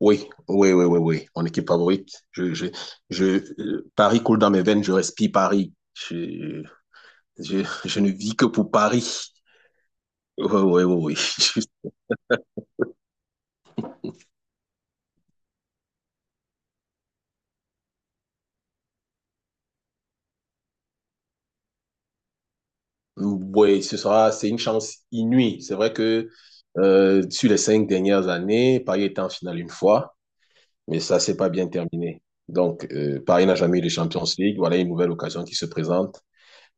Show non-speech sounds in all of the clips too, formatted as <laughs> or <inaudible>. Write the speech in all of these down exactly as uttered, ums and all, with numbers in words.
Oui, oui, oui, oui, oui. Mon équipe favorite. Je, je, je, euh, Paris coule dans mes veines, je respire Paris. Je, je, je ne vis que pour Paris. Oui, oui, oui, oui. <laughs> Oui, ce sera, c'est une chance inouïe. C'est vrai que euh, sur les cinq dernières années, Paris était en finale une fois, mais ça s'est pas bien terminé. Donc, euh, Paris n'a jamais eu de Champions League. Voilà une nouvelle occasion qui se présente.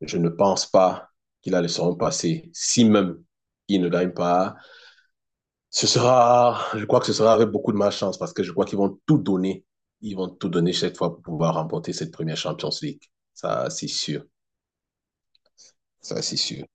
Je ne pense pas qu'il a le seront passer. Si même il ne gagne pas, ce sera, je crois que ce sera avec beaucoup de malchance parce que je crois qu'ils vont tout donner. Ils vont tout donner cette fois pour pouvoir remporter cette première Champions League. Ça, c'est sûr. Ça, c'est sûr.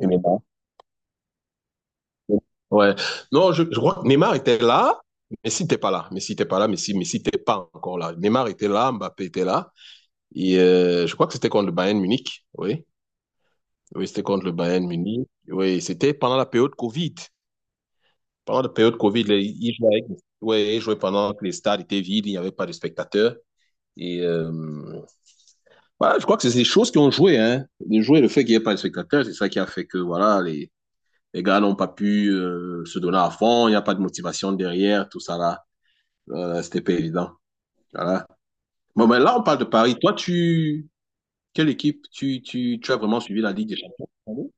Et Neymar? Ouais. Non, je, je crois que Neymar était là, mais si t'es pas là. Mais si t'es pas là, mais si, mais si t'es pas encore là. Neymar était là, Mbappé était là. Et euh, je crois que c'était contre le Bayern Munich. Oui. Oui, c'était contre le Bayern Munich. Oui, c'était pendant la période Covid. Pendant la période Covid, les- ils jouaient, avec- ouais, ils jouaient pendant que les stades étaient vides, il n'y avait pas de spectateurs. Et euh, voilà, je crois que c'est des choses qui ont joué, hein. Les jouets, le fait qu'il n'y ait pas de spectateurs, c'est ça qui a fait que voilà, les, les gars n'ont pas pu euh, se donner à fond, il n'y a pas de motivation derrière, tout ça là. Euh, C'était pas évident. Voilà. Bon, mais là, on parle de Paris. Toi, tu. Quelle équipe tu, tu, tu as vraiment suivi la Ligue des Champions?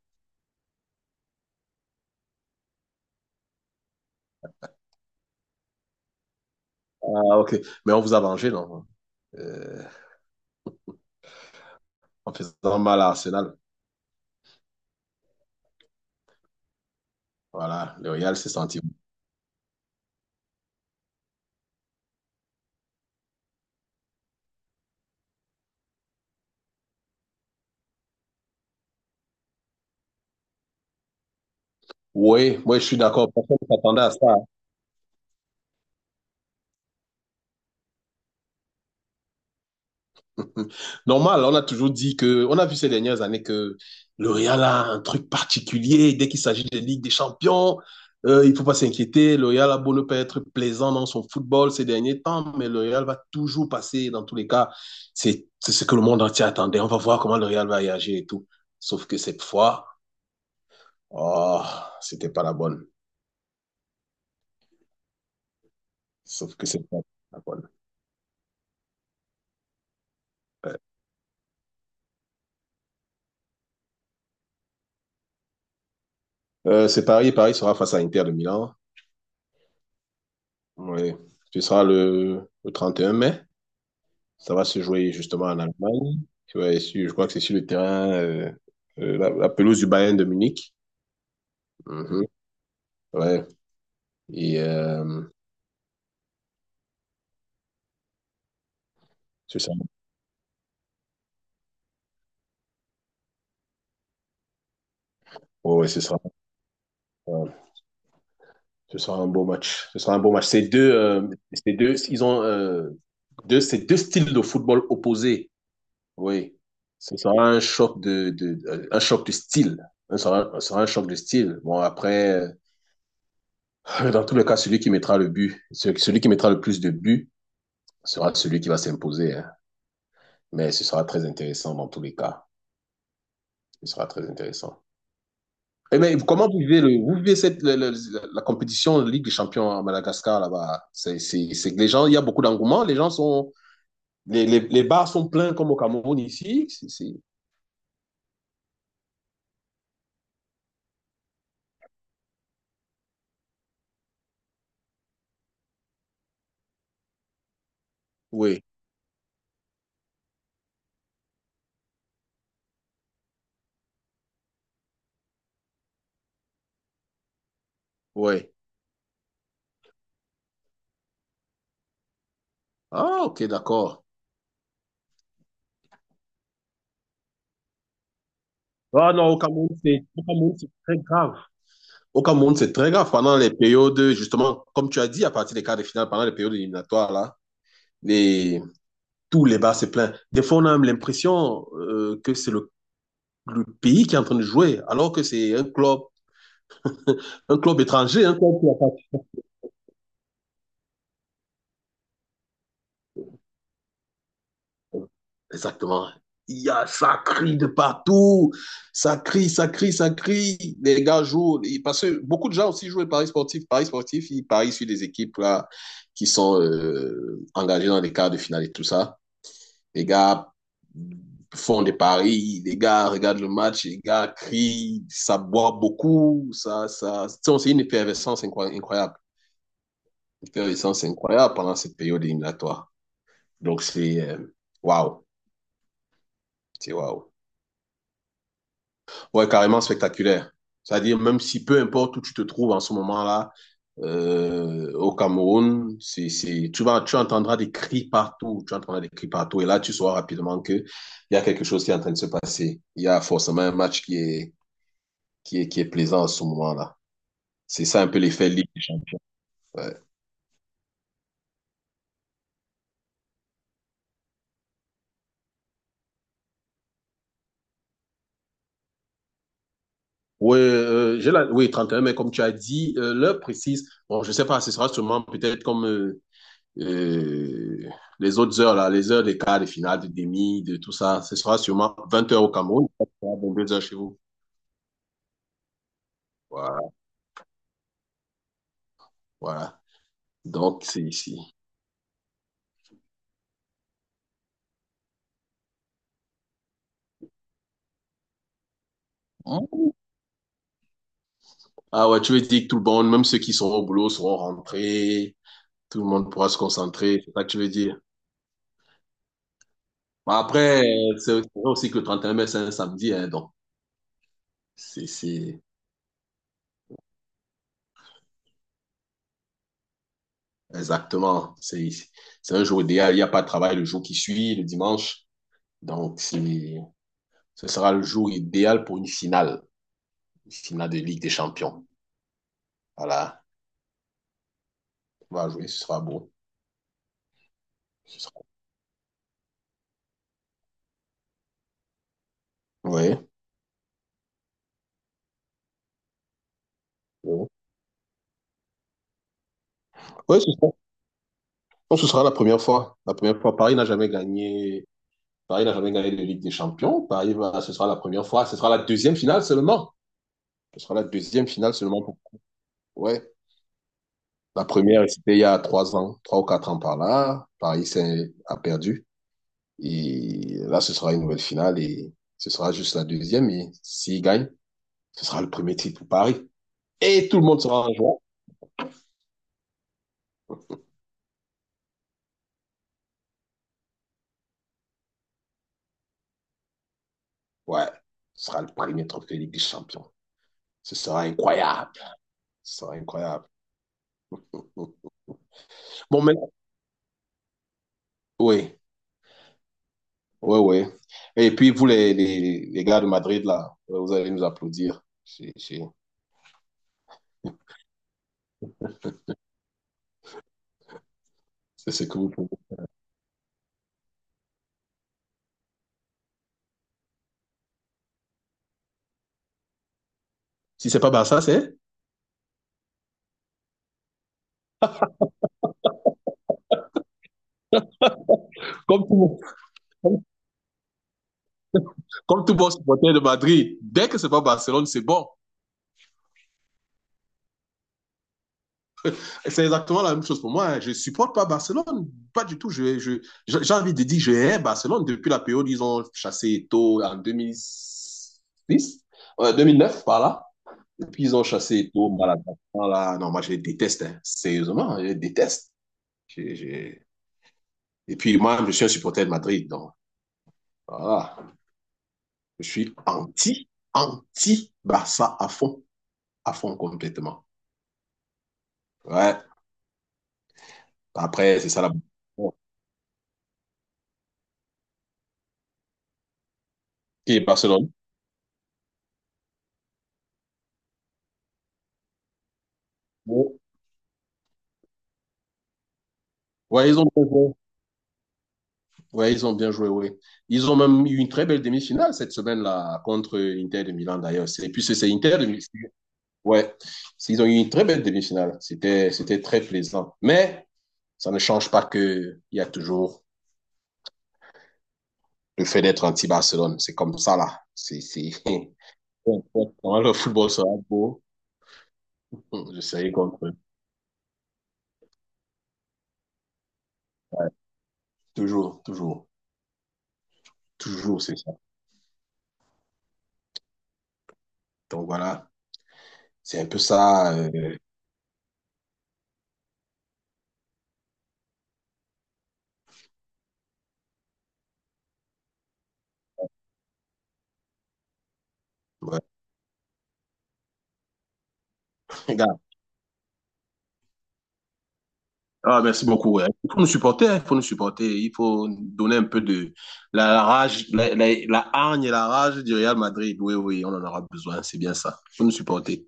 Ah, ok. Mais on vous a vengé, non? Euh, En faisant mal à Arsenal. Voilà, le Real s'est senti. Oui, moi, je suis d'accord. Personne ne s'attendait à ça. Mm. Normal, on a toujours dit que, on a vu ces dernières années que le Real a un truc particulier. Dès qu'il s'agit de Ligue des Champions, euh, il ne faut pas s'inquiéter. Le Real a beau ne pas être plaisant dans son football ces derniers temps, mais le Real va toujours passer. Dans tous les cas, c'est c'est ce que le monde entier attendait. On va voir comment le Real va réagir et tout. Sauf que cette fois, oh, c'était pas la bonne. Sauf que c'est pas la bonne. Ouais. Euh, c'est Paris. Paris sera face à Inter de Milan. Ouais. Ce sera le, le trente et un mai. Ça va se jouer justement en Allemagne. Ouais, sur- je crois que c'est sur le terrain, euh, euh, la, la pelouse du Bayern de Munich. Mhm. Ouais. Et euh, ce sera, oh, ouais, ce sera, euh, ce sera un beau match. Ce sera un beau match. Ces deux, euh, ces deux, ils ont euh, deux, ces deux styles de football opposés. Oui. Ce sera un choc de, de, de- un choc de style. Ce sera, ce sera un choc de style. Bon, après, euh, <laughs> dans tous les cas, celui qui mettra le but, ce- celui qui mettra le plus de buts sera celui qui va s'imposer, hein. Mais ce sera très intéressant dans tous les cas. Ce sera très intéressant. Et mais comment vous vivez, le, vous vivez cette, la, la- la compétition de Ligue des Champions à Madagascar là-bas? C'est, c'est, c'est que les gens, il y a beaucoup d'engouement. Les gens sont, les, les, les bars sont pleins comme au Cameroun ici. C'est, c'est- Oui, oui. Ah, ok, d'accord. Ah non, au Cameroun, c'est, au Cameroun, c'est très grave. Au Cameroun, c'est très grave. Pendant les périodes, justement, comme tu as dit, à partir des quarts de finale, pendant les périodes éliminatoires, là, les, tous les bars, c'est plein. Des fois, on a même l'impression euh, que c'est le le pays qui est en train de jouer, alors que c'est un club, <laughs> un club étranger, un club qui a pas. Exactement. Il y a, ça crie de partout, ça crie, ça crie, ça crie. Les gars jouent, et- parce que beaucoup de gens aussi jouent le Paris sportifs Paris sportifs, ils parient sur des équipes là, qui sont euh, engagées dans les quarts de finale et tout ça. Les gars font des paris, les gars regardent le match, les gars crient, ça boit beaucoup, ça, ça, c'est une effervescence incroyable. Intéressant, c'est incroyable pendant cette période éliminatoire. Donc, c'est euh, waouh, c'est waouh. Ouais, carrément spectaculaire. C'est-à-dire, même si peu importe où tu te trouves en ce moment-là, euh, au Cameroun, c'est, c'est, tu vas, tu entendras des cris partout, tu entendras des cris partout, et là, tu sauras rapidement que il y a quelque chose qui est en train de se passer. Il y a forcément un match qui est, qui est, qui est plaisant en ce moment-là. C'est ça un peu l'effet Ligue des Champions. Ouais. Oui, euh, j'ai la... oui, trente et un mais comme tu as dit, euh, l'heure précise, bon, je sais pas, ce sera sûrement peut-être comme euh, euh, les autres heures, là, les heures des quarts, des finales, des demi, de tout ça. Ce sera sûrement vingt heures au Cameroun, deux heures chez vous. Voilà, voilà. Donc, c'est ici. Hein? Ah ouais, tu veux dire que tout le monde, même ceux qui sont au boulot, seront rentrés, tout le monde pourra se concentrer, c'est ça que tu veux dire. Bon, après, euh, c'est c'est vrai aussi que le trente et un mai, c'est un samedi, hein, donc c'est c'est- exactement. C'est, c'est un jour idéal. Il n'y a pas de travail le jour qui suit, le dimanche. Donc, c'est, ce sera le jour idéal pour une finale, une finale de Ligue des Champions. Voilà, on va jouer, ce sera beau. Ce sera... Ouais, ouais. Ouais, ce sera... non, ce sera la première fois. La première fois, Paris n'a jamais gagné. Paris n'a jamais gagné de Ligue des Champions. Paris, va- ce sera la première fois. Ce sera la deuxième finale seulement. Ce sera la deuxième finale seulement pour. Ouais. La première, c'était il y a trois ans, trois ou quatre ans par là. Paris s'est- a perdu. Et là, ce sera une nouvelle finale et ce sera juste la deuxième. Et s'il gagne, ce sera le premier titre pour Paris. Et tout le monde sera en joie. Ouais, ce sera le premier trophée Ligue des Champions. Ce sera incroyable. Ce sera incroyable. Bon, mais oui, oui, oui. Et puis, vous, les, les, les gars de Madrid, là, vous allez nous applaudir. C'est c'est- c'est ce que vous pouvez. Si c'est pas Barça, c'est comme tout, comme, comme tout bon supporter de Madrid. Dès que c'est pas Barcelone, c'est bon. C'est exactement la même chose pour moi, hein. Je ne supporte pas Barcelone, pas du tout. je, je- j'ai envie de dire que je hais Barcelone depuis la période où ils ont chassé Eto'o en deux mille six, euh, deux mille neuf par là. Depuis, ils ont chassé Eto'o, Maradona. Là. Non, moi, je les déteste, hein. Sérieusement, je les déteste. J'ai- j'ai- Et puis, moi, je suis un supporter de Madrid. Donc, voilà. Je suis anti, anti-Barça à fond, à fond complètement. Ouais. Après, c'est ça la. Bon. Qui est Barcelone? Bon. Ouais, ils ont. besoin Ouais, ils ont bien joué, oui. Ils ont même eu une très belle demi-finale cette semaine-là contre Inter de Milan d'ailleurs. C'est- Et puis c'est c'est Inter de Milan. Ouais, ils ont eu une très belle demi-finale. C'était c'était très plaisant. Mais ça ne change pas que il y a toujours le fait d'être anti-Barcelone. C'est comme ça là. C'est c'est <laughs> quand le football sera beau, hum, je serai contre eux. Toujours, toujours, toujours, c'est ça. Donc voilà, c'est un peu ça. Euh, ouais. <laughs> Ah, merci beaucoup, ouais. Il faut nous supporter, hein, il faut nous supporter. Il faut donner un peu de la la rage, la, la, la hargne et la rage du Real Madrid. Oui, oui, on en aura besoin, c'est bien ça. Il faut nous supporter.